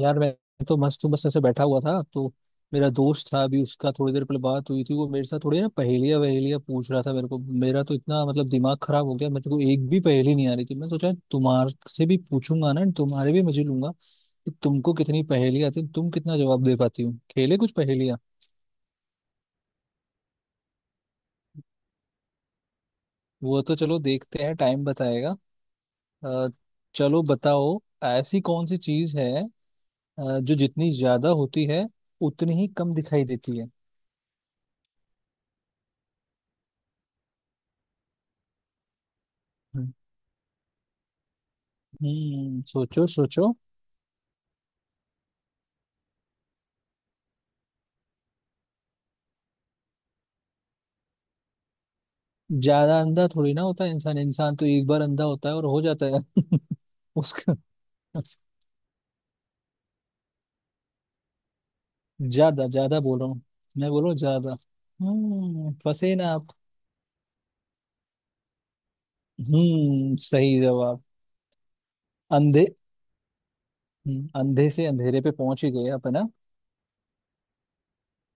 यार मैं तो मस्त हूँ। बस ऐसे बैठा हुआ था तो मेरा दोस्त था, अभी उसका थोड़ी देर पहले बात हुई थी। वो मेरे साथ थोड़ी ना पहेलियाँ वहेलियाँ पूछ रहा था मेरे को। मेरा तो इतना मतलब दिमाग खराब हो गया, मेरे को एक भी पहेली नहीं आ रही थी। मैं सोचा तुम्हारे से भी पूछूंगा ना, तुम्हारे भी मजे लूंगा कि तुमको कितनी पहेली आती हैं, तुम कितना जवाब दे पाती हो। खेले कुछ पहेलियाँ। वो तो चलो देखते हैं, टाइम बताएगा। अ, चलो बताओ। ऐसी कौन सी चीज है जो जितनी ज्यादा होती है उतनी ही कम दिखाई देती है? हम्म। हम्म, सोचो सोचो। ज्यादा अंधा थोड़ी ना होता है इंसान। इंसान तो एक बार अंधा होता है और हो जाता है। उसका ज्यादा ज्यादा बोल रहा हूँ। मैं बोलो ज्यादा। हम्म, फंसे ना आप। हम्म, सही जवाब। अंधे। अंधे से अंधेरे पे पहुंच ही गए आप, है ना।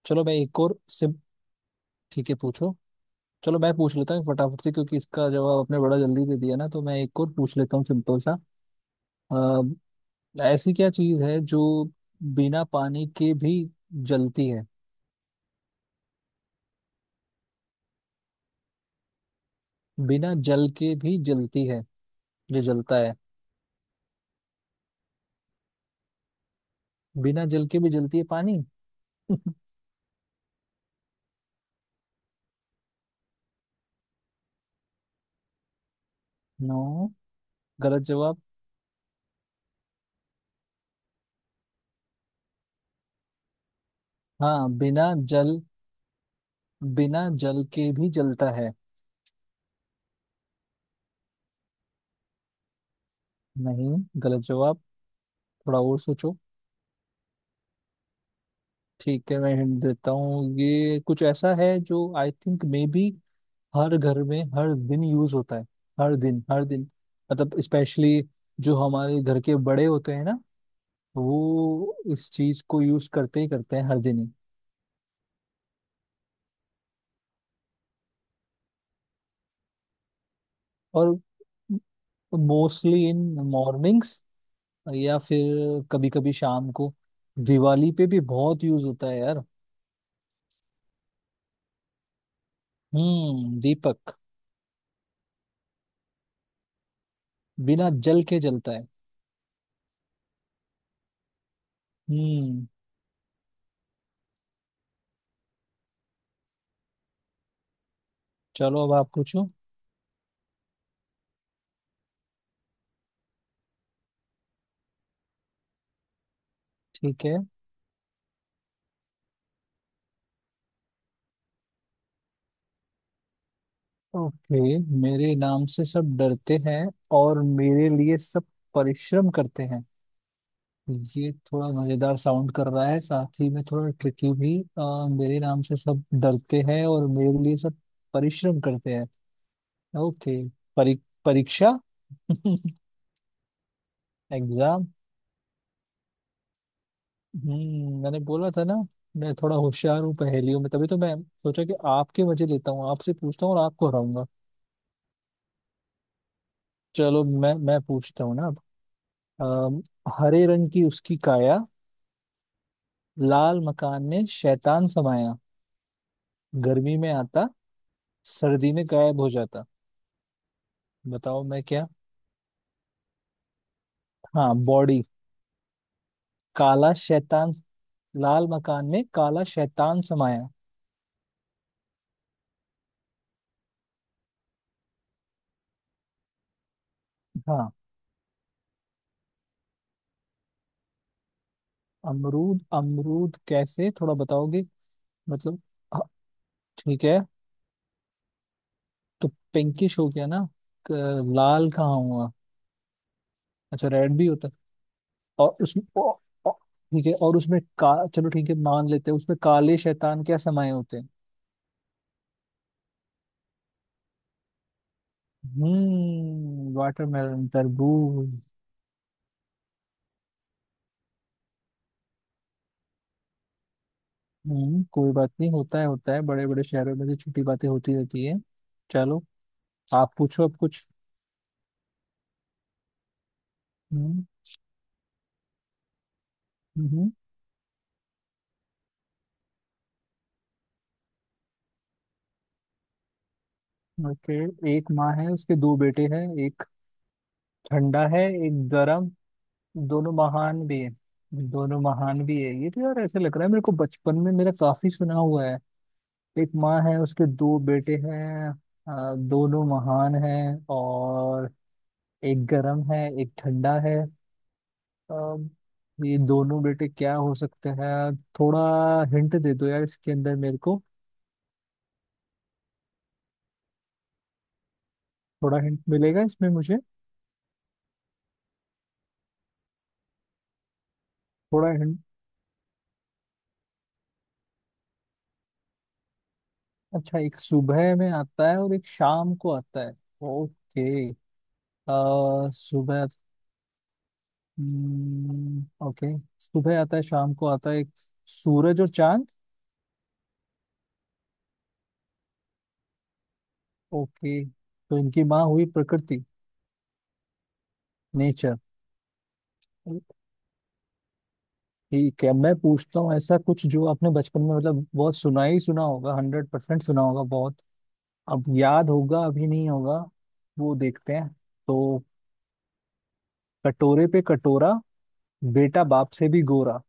चलो मैं एक और सिम। ठीक है, पूछो। चलो मैं पूछ लेता हूँ फटाफट से, क्योंकि इसका जवाब आपने बड़ा जल्दी दे दिया ना, तो मैं एक और पूछ लेता हूँ सिंपल सा। अ, ऐसी क्या चीज है जो बिना पानी के भी जलती है, बिना जल के भी जलती है? जो जलता है बिना जल के भी जलती है पानी। नो, गलत जवाब। हाँ, बिना जल, बिना जल के भी जलता है। नहीं, गलत जवाब। थोड़ा और सोचो। ठीक है, मैं हिंट देता हूँ, ये कुछ ऐसा है जो आई थिंक मे बी हर घर में हर दिन यूज होता है। हर दिन हर दिन, मतलब स्पेशली जो हमारे घर के बड़े होते हैं ना, वो इस चीज को यूज करते ही करते हैं हर दिन ही। और तो मोस्टली इन मॉर्निंग्स या फिर कभी कभी शाम को, दिवाली पे भी बहुत यूज होता है यार। हम्म, दीपक। बिना जल के जलता है। हम्म। चलो अब आप पूछो। ठीक है। ओके, मेरे नाम से सब डरते हैं और मेरे लिए सब परिश्रम करते हैं। ये थोड़ा मजेदार साउंड कर रहा है, साथ ही में थोड़ा ट्रिकी भी। मेरे नाम से सब डरते हैं और मेरे लिए सब परिश्रम करते हैं। ओके। परी, परीक्षा। एग्जाम। हम्म, मैंने बोला था ना मैं थोड़ा होशियार हूँ पहेलियों में, तभी तो मैं सोचा कि आपके मजे लेता हूँ, आपसे पूछता हूँ और आपको हराऊंगा। चलो मैं पूछता हूँ ना अब। अम, हरे रंग की उसकी काया, लाल मकान में शैतान समाया, गर्मी में आता, सर्दी में गायब हो जाता। बताओ मैं क्या। हाँ, बॉडी। काला शैतान, लाल मकान में काला शैतान समाया। हाँ। अमरूद? अमरूद कैसे, थोड़ा बताओगे? मतलब, हाँ, ठीक है। तो पिंकिश हो गया ना। क- लाल कहाँ हुआ? अच्छा, रेड भी होता है। और उसमें ओ, ठीक है, और उसमें का, चलो ठीक है मान लेते हैं, उसमें काले शैतान क्या समाये होते हैं? हम्म, वाटरमेलन तरबूज। हम्म, कोई बात नहीं, होता है होता है, बड़े बड़े शहरों में तो छोटी बातें होती रहती है। चलो आप पूछो अब कुछ। हम्म। हम्म। ओके, एक माँ है उसके दो बेटे हैं, एक ठंडा है एक गर्म। दोनों महान भी है। दोनों महान भी है, ये तो यार ऐसे लग रहा है, मेरे को बचपन में मेरा काफी सुना हुआ है। एक माँ है उसके दो बेटे हैं, दोनों महान हैं, और एक गरम है एक ठंडा है। अब ये दोनों बेटे क्या हो सकते हैं, थोड़ा हिंट दे दो यार इसके अंदर मेरे को। थोड़ा हिंट मिलेगा इसमें मुझे? थोड़ा हिंट। अच्छा, एक सुबह में आता है और एक शाम को आता है। ओके। अ सुबह। ओके, सुबह आता है शाम को आता है। सूरज और चांद। ओके, तो इनकी माँ हुई प्रकृति। नेचर। ठीक है मैं पूछता हूँ ऐसा कुछ जो आपने बचपन में मतलब बहुत सुना ही सुना होगा, हंड्रेड परसेंट सुना होगा बहुत। अब याद होगा अभी नहीं होगा, वो देखते हैं। तो कटोरे पे कटोरा, बेटा बाप से भी गोरा।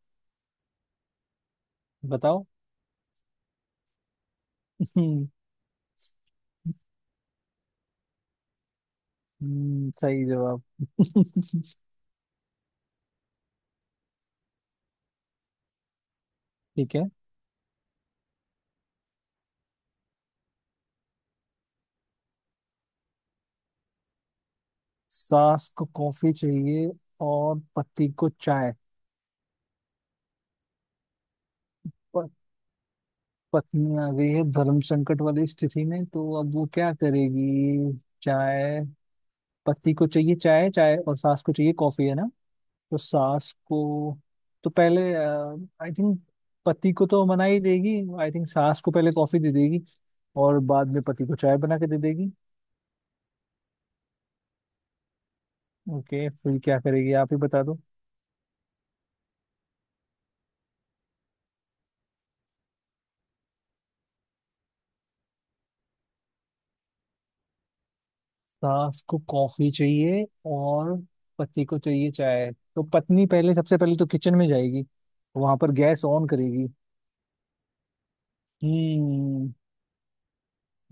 बताओ। सही जवाब। ठीक है। सास को कॉफी चाहिए और पति को चाय। प- पत्नी आ गई है धर्म संकट वाली स्थिति में, तो अब वो क्या करेगी? चाय, पति को चाहिए चाय चाय और सास को चाहिए कॉफी, है ना। तो सास को, तो पहले, आई थिंक पति को तो मना ही देगी। आई थिंक सास को पहले कॉफी दे देगी और बाद में पति को चाय बना के दे देगी। ओके फिर क्या करेगी, आप ही बता दो। सास को कॉफी चाहिए और पति को चाहिए चाय। तो पत्नी पहले, सबसे पहले तो किचन में जाएगी, वहां पर गैस ऑन करेगी। हम्म।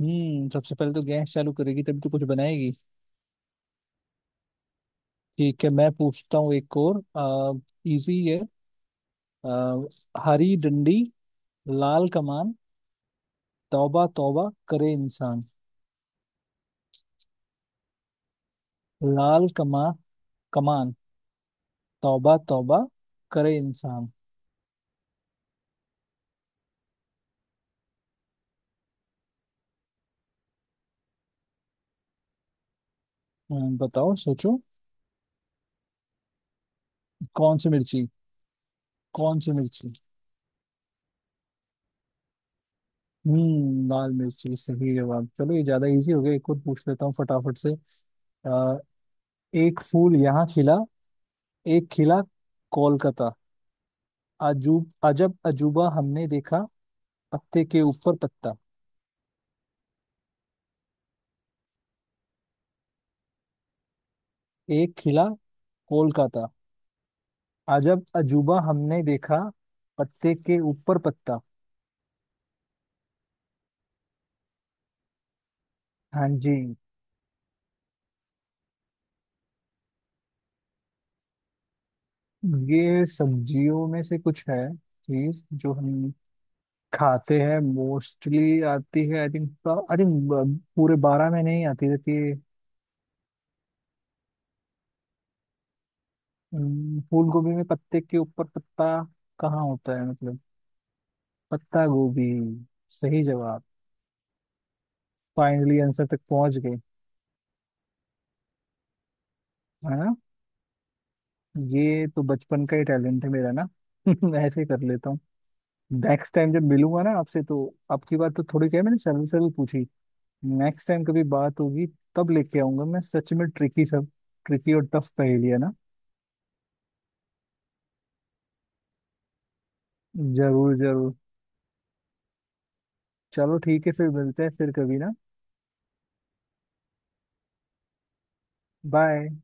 हम्म, सबसे पहले तो गैस चालू करेगी, तभी तो कुछ बनाएगी। ठीक है मैं पूछता हूँ एक और, इजी है। आ, हरी डंडी, लाल कमान, तौबा तौबा करे इंसान। लाल कमा, कमान, तौबा तौबा करे इंसान। बताओ सोचो। कौन सी मिर्ची? कौन सी मिर्ची? हम्म, लाल मिर्ची, सही जवाब। चलो ये ज्यादा इजी हो गया, एक और पूछ लेता हूँ फटाफट से। आ, एक फूल यहाँ खिला, एक खिला कोलकाता, अजूब अजब अजूबा हमने देखा, पत्ते के ऊपर पत्ता। एक खिला कोलकाता, अजब अजूबा हमने देखा, पत्ते के ऊपर पत्ता। हाँ जी। ये सब्जियों में से कुछ है, चीज जो हम खाते हैं, मोस्टली आती है आई थिंक, आई थिंक पूरे बारह में नहीं आती रहती है। फूल गोभी में पत्ते के ऊपर पत्ता कहाँ होता है, मतलब। पत्ता गोभी, सही जवाब। फाइनली आंसर तक पहुंच गए, है ना। ये तो बचपन का ही टैलेंट है मेरा ना। ऐसे ही कर लेता हूँ। नेक्स्ट टाइम जब मिलूंगा ना आपसे, तो आपकी बात तो थोड़ी क्या है, मैंने सरल सरल पूछी। नेक्स्ट टाइम कभी बात होगी, तब लेके आऊंगा मैं सच में, ट्रिकी सब, ट्रिकी और टफ पहेलियां ना। जरूर जरूर। चलो ठीक है, फिर मिलते हैं फिर कभी ना। बाय।